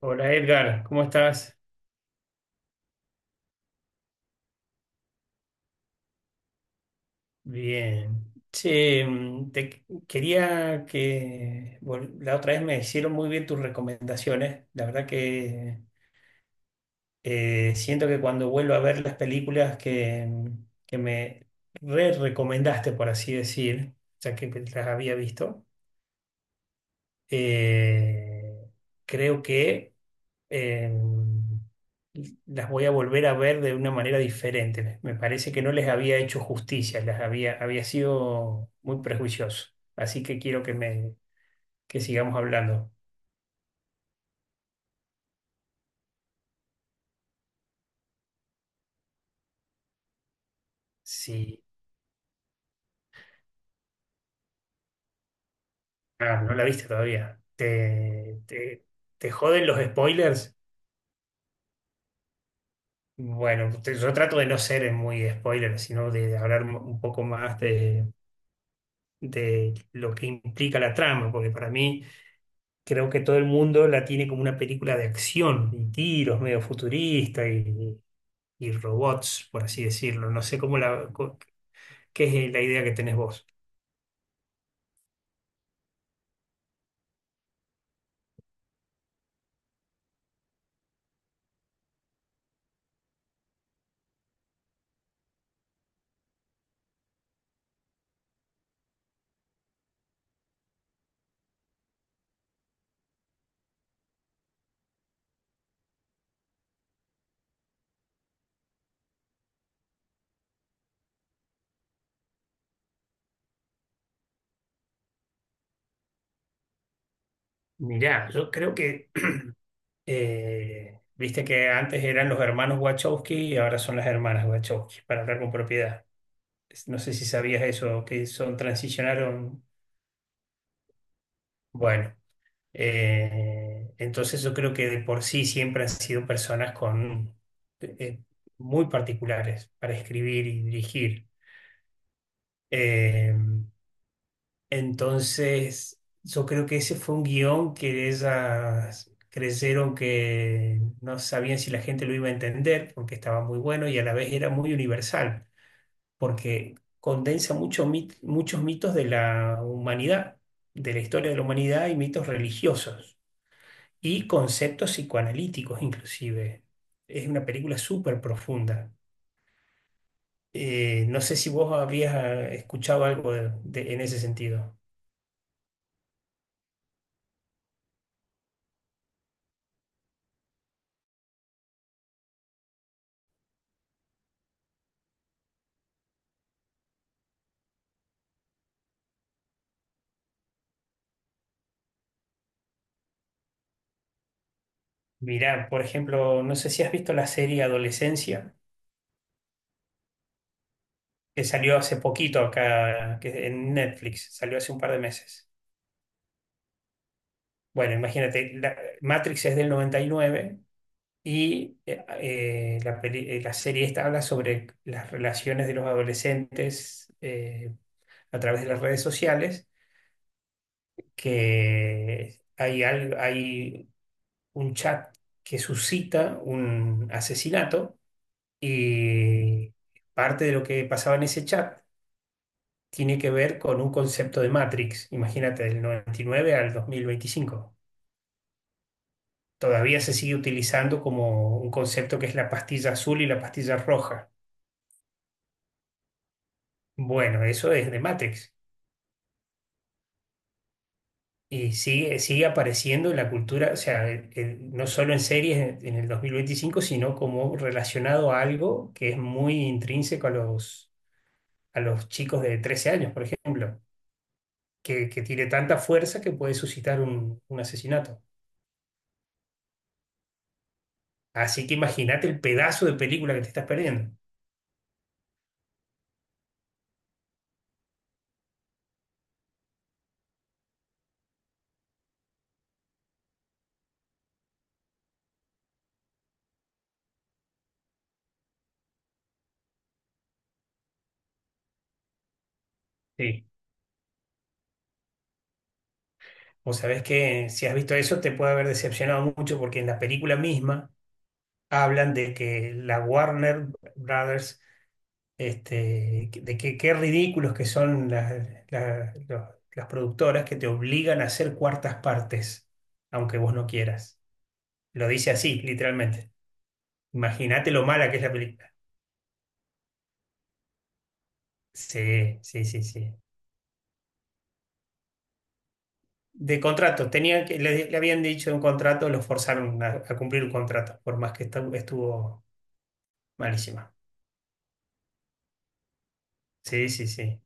Hola Edgar, ¿cómo estás? Bien. Che, te quería la otra vez me hicieron muy bien tus recomendaciones. La verdad que siento que cuando vuelvo a ver las películas que me re recomendaste, por así decir, ya que las había visto. eh, Creo que eh, las voy a volver a ver de una manera diferente. Me parece que no les había hecho justicia, había sido muy prejuicioso. Así que quiero que sigamos hablando. Sí. Ah, no la viste todavía. ¿Te joden los spoilers? Bueno, yo trato de no ser muy spoiler, sino de hablar un poco más de lo que implica la trama, porque para mí creo que todo el mundo la tiene como una película de acción y tiros medio futurista y robots, por así decirlo. No sé cómo qué es la idea que tenés vos. Mirá, yo creo que viste que antes eran los hermanos Wachowski y ahora son las hermanas Wachowski, para hablar con propiedad. No sé si sabías eso, que son, transicionaron. Bueno. Entonces yo creo que de por sí siempre han sido personas con eh, muy particulares para escribir y dirigir. Eh, entonces yo creo que ese fue un guión que ellas creyeron que no sabían si la gente lo iba a entender porque estaba muy bueno y a la vez era muy universal porque condensa mucho muchos mitos de la humanidad, de la historia de la humanidad y mitos religiosos, y conceptos psicoanalíticos inclusive. Es una película súper profunda. No sé si vos habías escuchado algo en ese sentido. Mirá, por ejemplo, no sé si has visto la serie Adolescencia, que salió hace poquito acá, que en Netflix, salió hace un par de meses. Bueno, imagínate, Matrix es del 99 y nueve y la serie esta habla sobre las relaciones de los adolescentes a través de las redes sociales que hay, hay un chat que suscita un asesinato, y parte de lo que pasaba en ese chat tiene que ver con un concepto de Matrix, imagínate, del 99 al 2025. Todavía se sigue utilizando como un concepto que es la pastilla azul y la pastilla roja. Bueno, eso es de Matrix. Y sigue, sigue apareciendo en la cultura, o sea, no solo en series en el 2025, sino como relacionado a algo que es muy intrínseco a los, chicos de 13 años, por ejemplo, que tiene tanta fuerza que puede suscitar un asesinato. Así que imagínate el pedazo de película que te estás perdiendo. Sí. Vos sabés que si has visto eso te puede haber decepcionado mucho porque en la película misma hablan de que la Warner Brothers, este, de que qué ridículos que son las- los- las productoras que te obligan a hacer cuartas partes, aunque vos no quieras. Lo dice así, literalmente. Imagínate lo mala que es la película. Sí, sí, sí, sí. De contrato, tenía que, le habían dicho un contrato, lo forzaron a cumplir un contrato, por más que estuvo malísima. Sí, sí, sí.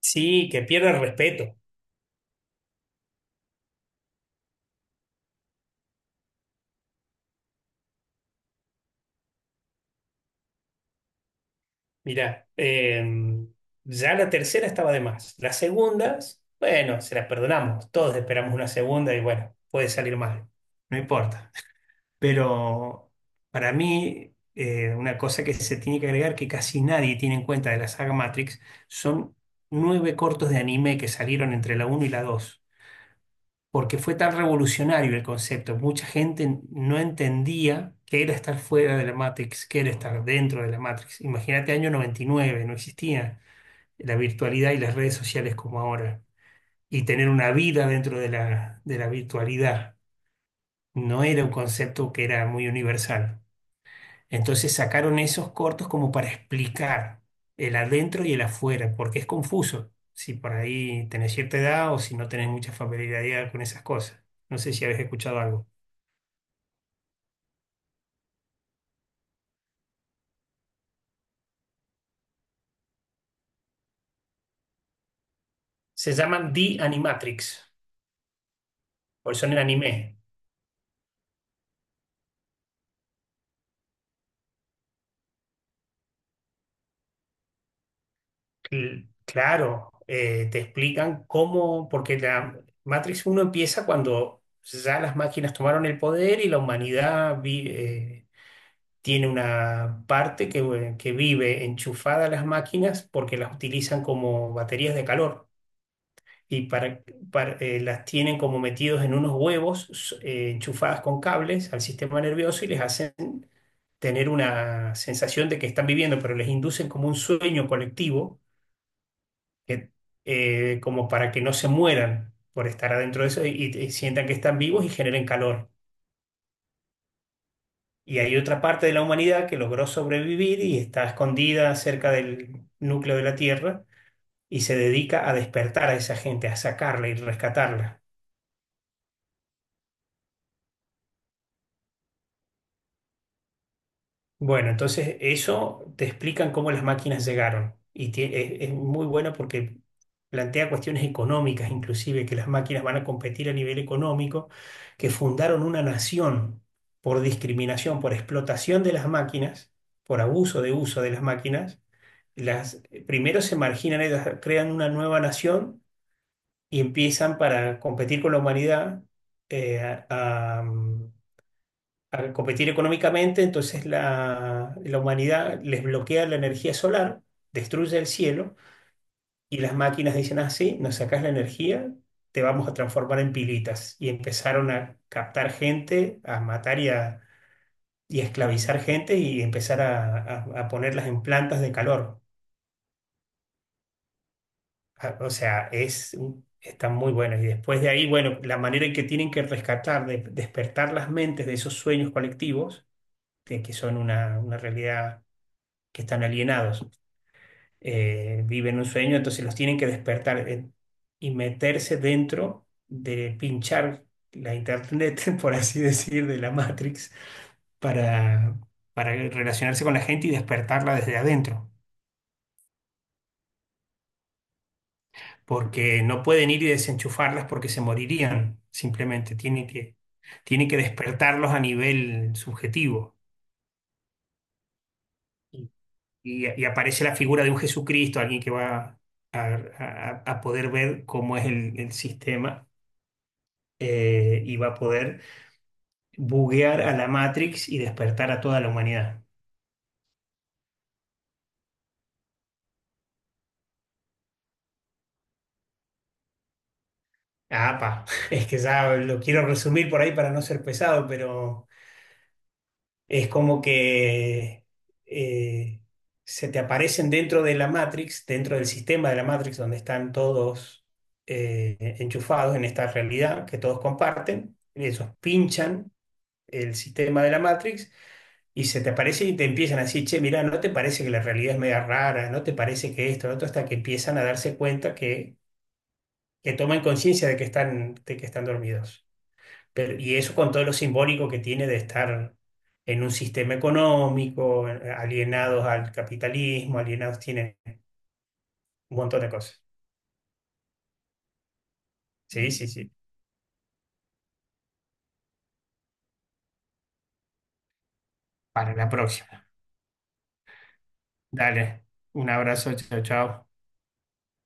Sí, que pierde el respeto. Mirá, ya la tercera estaba de más. Las segundas, bueno, se las perdonamos. Todos esperamos una segunda y bueno, puede salir mal. No importa. Pero para mí, una cosa que se tiene que agregar que casi nadie tiene en cuenta de la saga Matrix son nueve cortos de anime que salieron entre la uno y la 2 porque fue tan revolucionario el concepto. Mucha gente no entendía qué era estar fuera de la Matrix, qué era estar dentro de la Matrix. Imagínate, año 99 no existía la virtualidad y las redes sociales como ahora. Y tener una vida dentro de la virtualidad no era un concepto que era muy universal. Entonces sacaron esos cortos como para explicar el adentro y el afuera, porque es confuso si por ahí tenés cierta edad o si no tenés mucha familiaridad con esas cosas. No sé si habéis escuchado algo. Se llaman The Animatrix, porque son en el anime. Claro, te explican cómo, porque la Matrix uno empieza cuando ya las máquinas tomaron el poder, y la humanidad tiene una parte que vive enchufada a las máquinas porque las utilizan como baterías de calor, y las tienen como metidos en unos huevos, enchufadas con cables al sistema nervioso, y les hacen tener una sensación de que están viviendo, pero les inducen como un sueño colectivo, que, como para que no se mueran por estar adentro de eso, y sientan que están vivos y generen calor. Y hay otra parte de la humanidad que logró sobrevivir y está escondida cerca del núcleo de la Tierra, y se dedica a despertar a esa gente, a sacarla y rescatarla. Bueno, entonces eso te explican, cómo las máquinas llegaron. Y es muy bueno porque plantea cuestiones económicas, inclusive que las máquinas van a competir a nivel económico, que fundaron una nación por discriminación, por explotación de las máquinas, por abuso de uso de las máquinas. Las, Primero se marginan, ellas crean una nueva nación y empiezan para competir con la humanidad, eh, a, al competir económicamente. Entonces la humanidad les bloquea la energía solar, destruye el cielo, y las máquinas dicen así, nos sacás la energía, te vamos a transformar en pilitas. Y empezaron a captar gente, a matar y a esclavizar gente, y empezar a ponerlas en plantas de calor. O sea, están muy buenas. Y después de ahí, bueno, la manera en que tienen que rescatar, despertar las mentes de esos sueños colectivos, de que son una realidad, que están alienados, viven un sueño, entonces los tienen que despertar, y meterse dentro de, pinchar la internet, por así decir, de la Matrix, para, para relacionarse con la gente y despertarla desde adentro, porque no pueden ir y desenchufarlas porque se morirían, simplemente tienen que despertarlos a nivel subjetivo. Y, y aparece la figura de un Jesucristo, alguien que va... A, a poder ver cómo es el sistema, y va a poder buguear a la Matrix y despertar a toda la humanidad. Ah, pa. Es que ya lo quiero resumir por ahí para no ser pesado, pero es como que eh, se te aparecen dentro de la Matrix, dentro del sistema de la Matrix, donde están todos enchufados en esta realidad que todos comparten. Ellos pinchan el sistema de la Matrix, y se te aparece y te empiezan a decir, che, mirá, ¿no te parece que la realidad es media rara? ¿No te parece que esto, lo otro? Hasta que empiezan a darse cuenta que toman conciencia de que están, dormidos. Pero, y eso con todo lo simbólico que tiene, de estar en un sistema económico, alienados al capitalismo, alienados, tienen un montón de cosas. Sí, sí, sí. Para la próxima. Dale. Un abrazo, chao, chao.